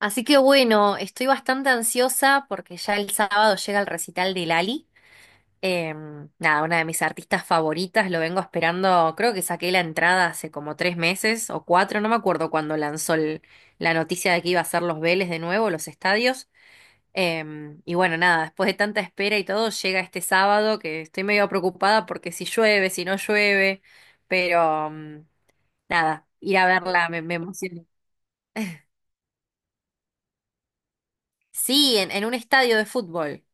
Así que bueno, estoy bastante ansiosa porque ya el sábado llega el recital de Lali. Nada, una de mis artistas favoritas, lo vengo esperando, creo que saqué la entrada hace como tres meses o cuatro, no me acuerdo cuando lanzó la noticia de que iba a hacer los Vélez de nuevo, los estadios. Y bueno, nada, después de tanta espera y todo, llega este sábado que estoy medio preocupada porque si llueve, si no llueve, pero nada, ir a verla me emociona. Sí, en un estadio de fútbol.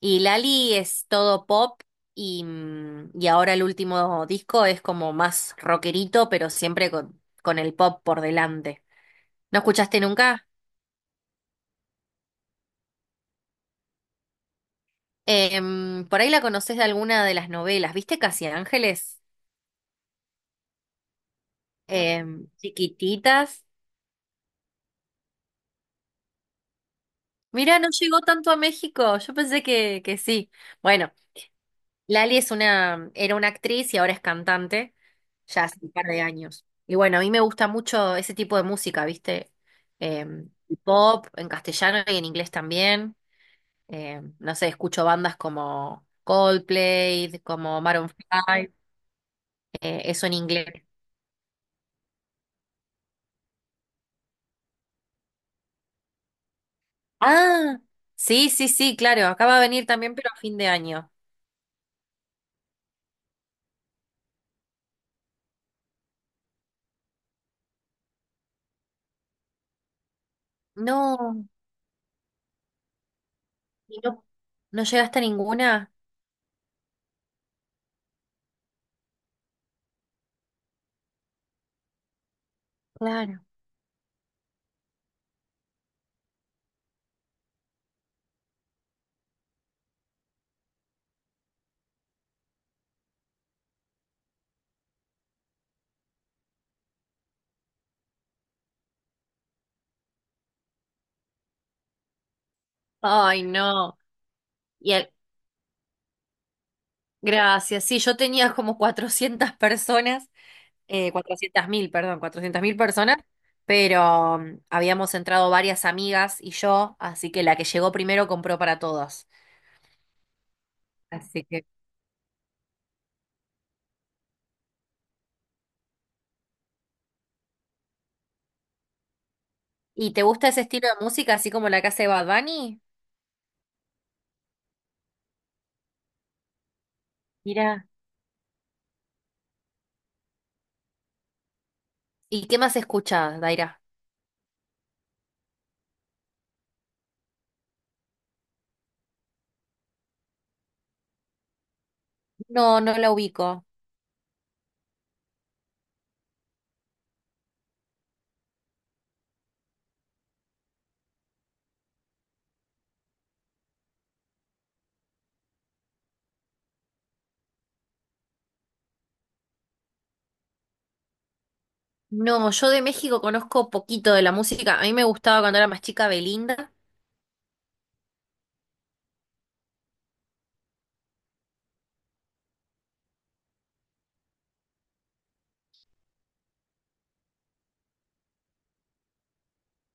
Y Lali es todo pop y, y ahora el último disco es como más rockerito, pero siempre con el pop por delante. ¿No escuchaste nunca? Por ahí la conoces de alguna de las novelas. ¿Viste Casi Ángeles? Chiquititas. Mira, no llegó tanto a México. Yo pensé que sí. Bueno, Lali es una, era una actriz y ahora es cantante. Ya hace un par de años. Y bueno, a mí me gusta mucho ese tipo de música, ¿viste? El pop en castellano y en inglés también. No sé, escucho bandas como Coldplay, como Maroon 5, eso en inglés. Ah, sí, sí, sí, claro, acaba de venir también, pero a fin de año. No, y no, no llegaste a ninguna. Claro. Ay, no. Y el- Gracias, sí, yo tenía como 400 personas 400.000 perdón, 400.000 personas, pero habíamos entrado varias amigas y yo, así que la que llegó primero compró para todos. Así que... ¿Y te gusta ese estilo de música, así como la que hace Bad Bunny? Mira. ¿Y qué más escuchás, Daira? No, no la ubico. No, yo de México conozco poquito de la música. A mí me gustaba cuando era más chica Belinda.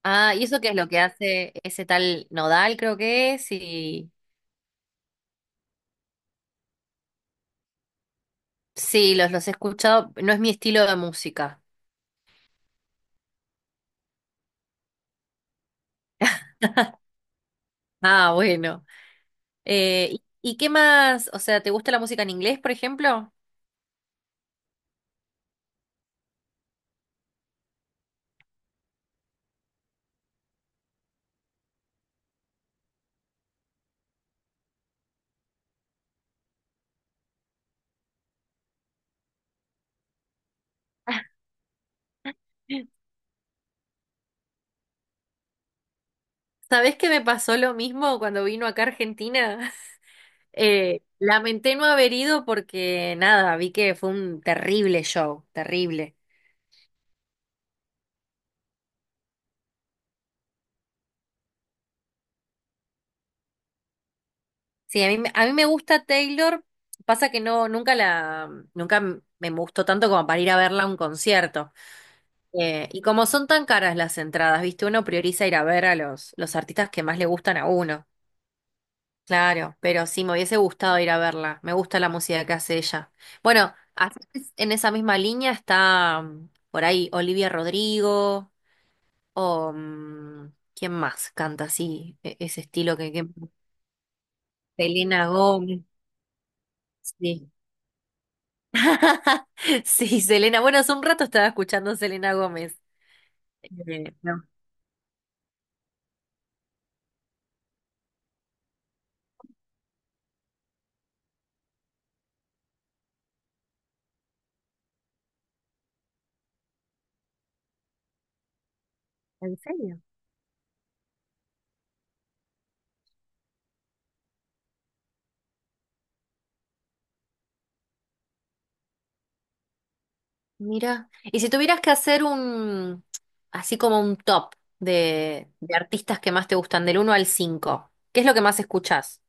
Ah, ¿y eso qué es lo que hace ese tal Nodal, creo que es? Y... Sí, los he escuchado. No es mi estilo de música. Ah, bueno. ¿Y qué más? O sea, ¿te gusta la música en inglés, por ejemplo? ¿Sabés que me pasó lo mismo cuando vino acá a Argentina? Lamenté no haber ido porque nada, vi que fue un terrible show, terrible. Sí, a a mí me gusta Taylor, pasa que no, nunca la, nunca me gustó tanto como para ir a verla a un concierto. Y como son tan caras las entradas, viste, uno prioriza ir a ver a los artistas que más le gustan a uno. Claro, pero sí, me hubiese gustado ir a verla. Me gusta la música que hace ella. Bueno, así es, en esa misma línea está por ahí Olivia Rodrigo o ¿quién más canta así? Ese estilo que... Selena Gómez. Sí. Sí, Selena. Bueno, hace un rato estaba escuchando Selena Gómez. No. ¿En serio? Mira, y si tuvieras que hacer así como un top de artistas que más te gustan, del uno al cinco, ¿qué es lo que más escuchás?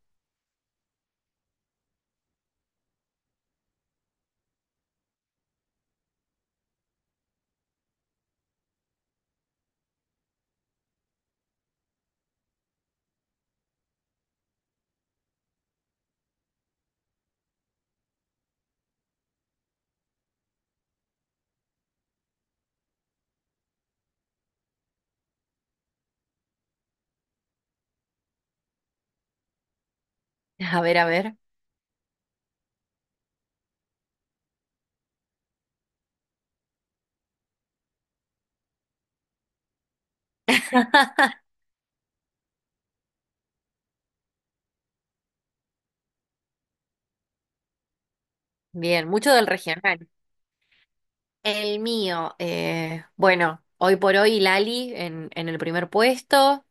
A ver, a ver. Bien, mucho del regional. El mío, bueno, hoy por hoy Lali en el primer puesto,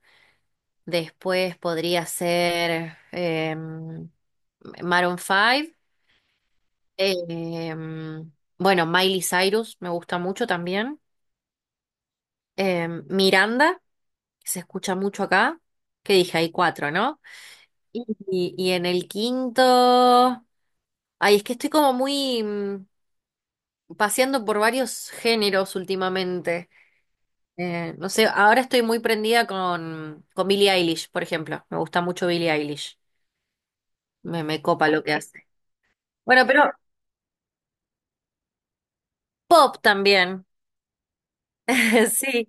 después podría ser Maroon Five. em, bueno, Miley Cyrus me gusta mucho también. Miranda, que se escucha mucho acá, que dije, hay cuatro, ¿no? Y en el quinto... Ay, es que estoy como muy paseando por varios géneros últimamente. No sé, ahora estoy muy prendida con Billie Eilish, por ejemplo. Me gusta mucho Billie Eilish. Me copa lo que hace. Bueno, pero pop también. Sí.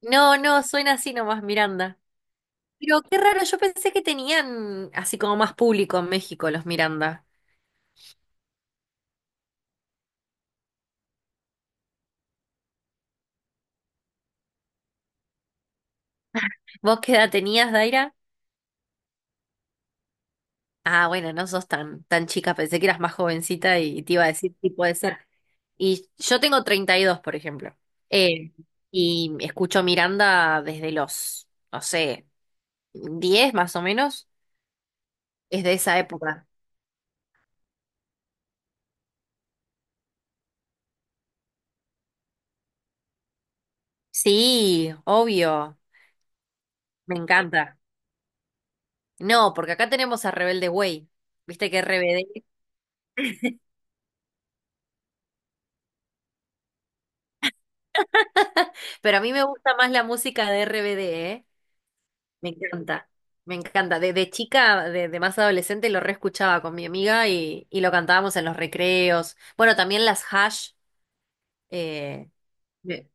No, no, suena así nomás, Miranda. Pero qué raro, yo pensé que tenían así como más público en México los Miranda. ¿Vos qué edad tenías, Daira? Ah, bueno, no sos tan, tan chica, pensé que eras más jovencita y te iba a decir si puede ser. Y yo tengo 32 por ejemplo. Eh, y escucho Miranda desde los, no sé, 10 más o menos. Es de esa época. Sí, obvio, me encanta. No, porque acá tenemos a Rebelde Way. Viste que RBD. Pero a mí me gusta más la música de RBD, ¿eh? Me encanta, me encanta. Desde chica, desde más adolescente, lo reescuchaba con mi amiga y lo cantábamos en los recreos. Bueno, también las hash eh, me,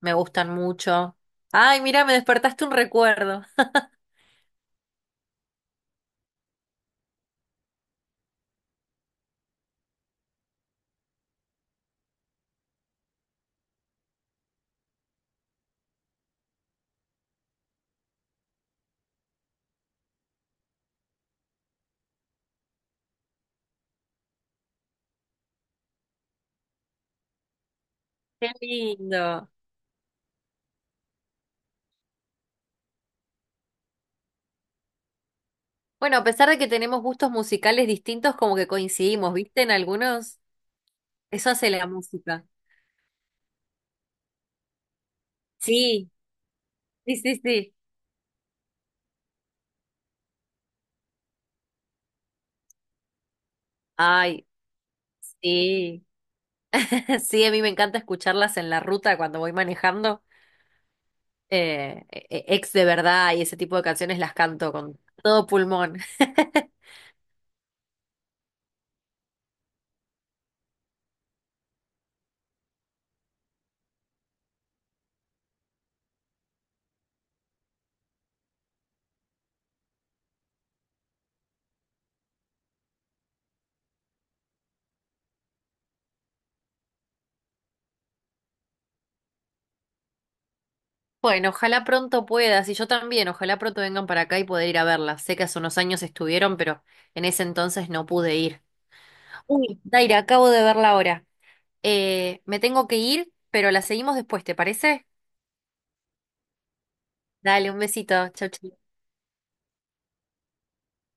me gustan mucho. Ay, mira, me despertaste un recuerdo. Qué lindo. Bueno, a pesar de que tenemos gustos musicales distintos, como que coincidimos, ¿viste? En algunos, eso hace la música. Sí, sí, sí, sí. Ay, sí. Sí, a mí me encanta escucharlas en la ruta cuando voy manejando. Ex de verdad y ese tipo de canciones las canto con todo pulmón. Bueno, ojalá pronto puedas y yo también, ojalá pronto vengan para acá y poder ir a verlas. Sé que hace unos años estuvieron, pero en ese entonces no pude ir. Uy, Daira, acabo de verla ahora. Me tengo que ir, pero la seguimos después, ¿te parece? Dale, un besito. Chau, chau.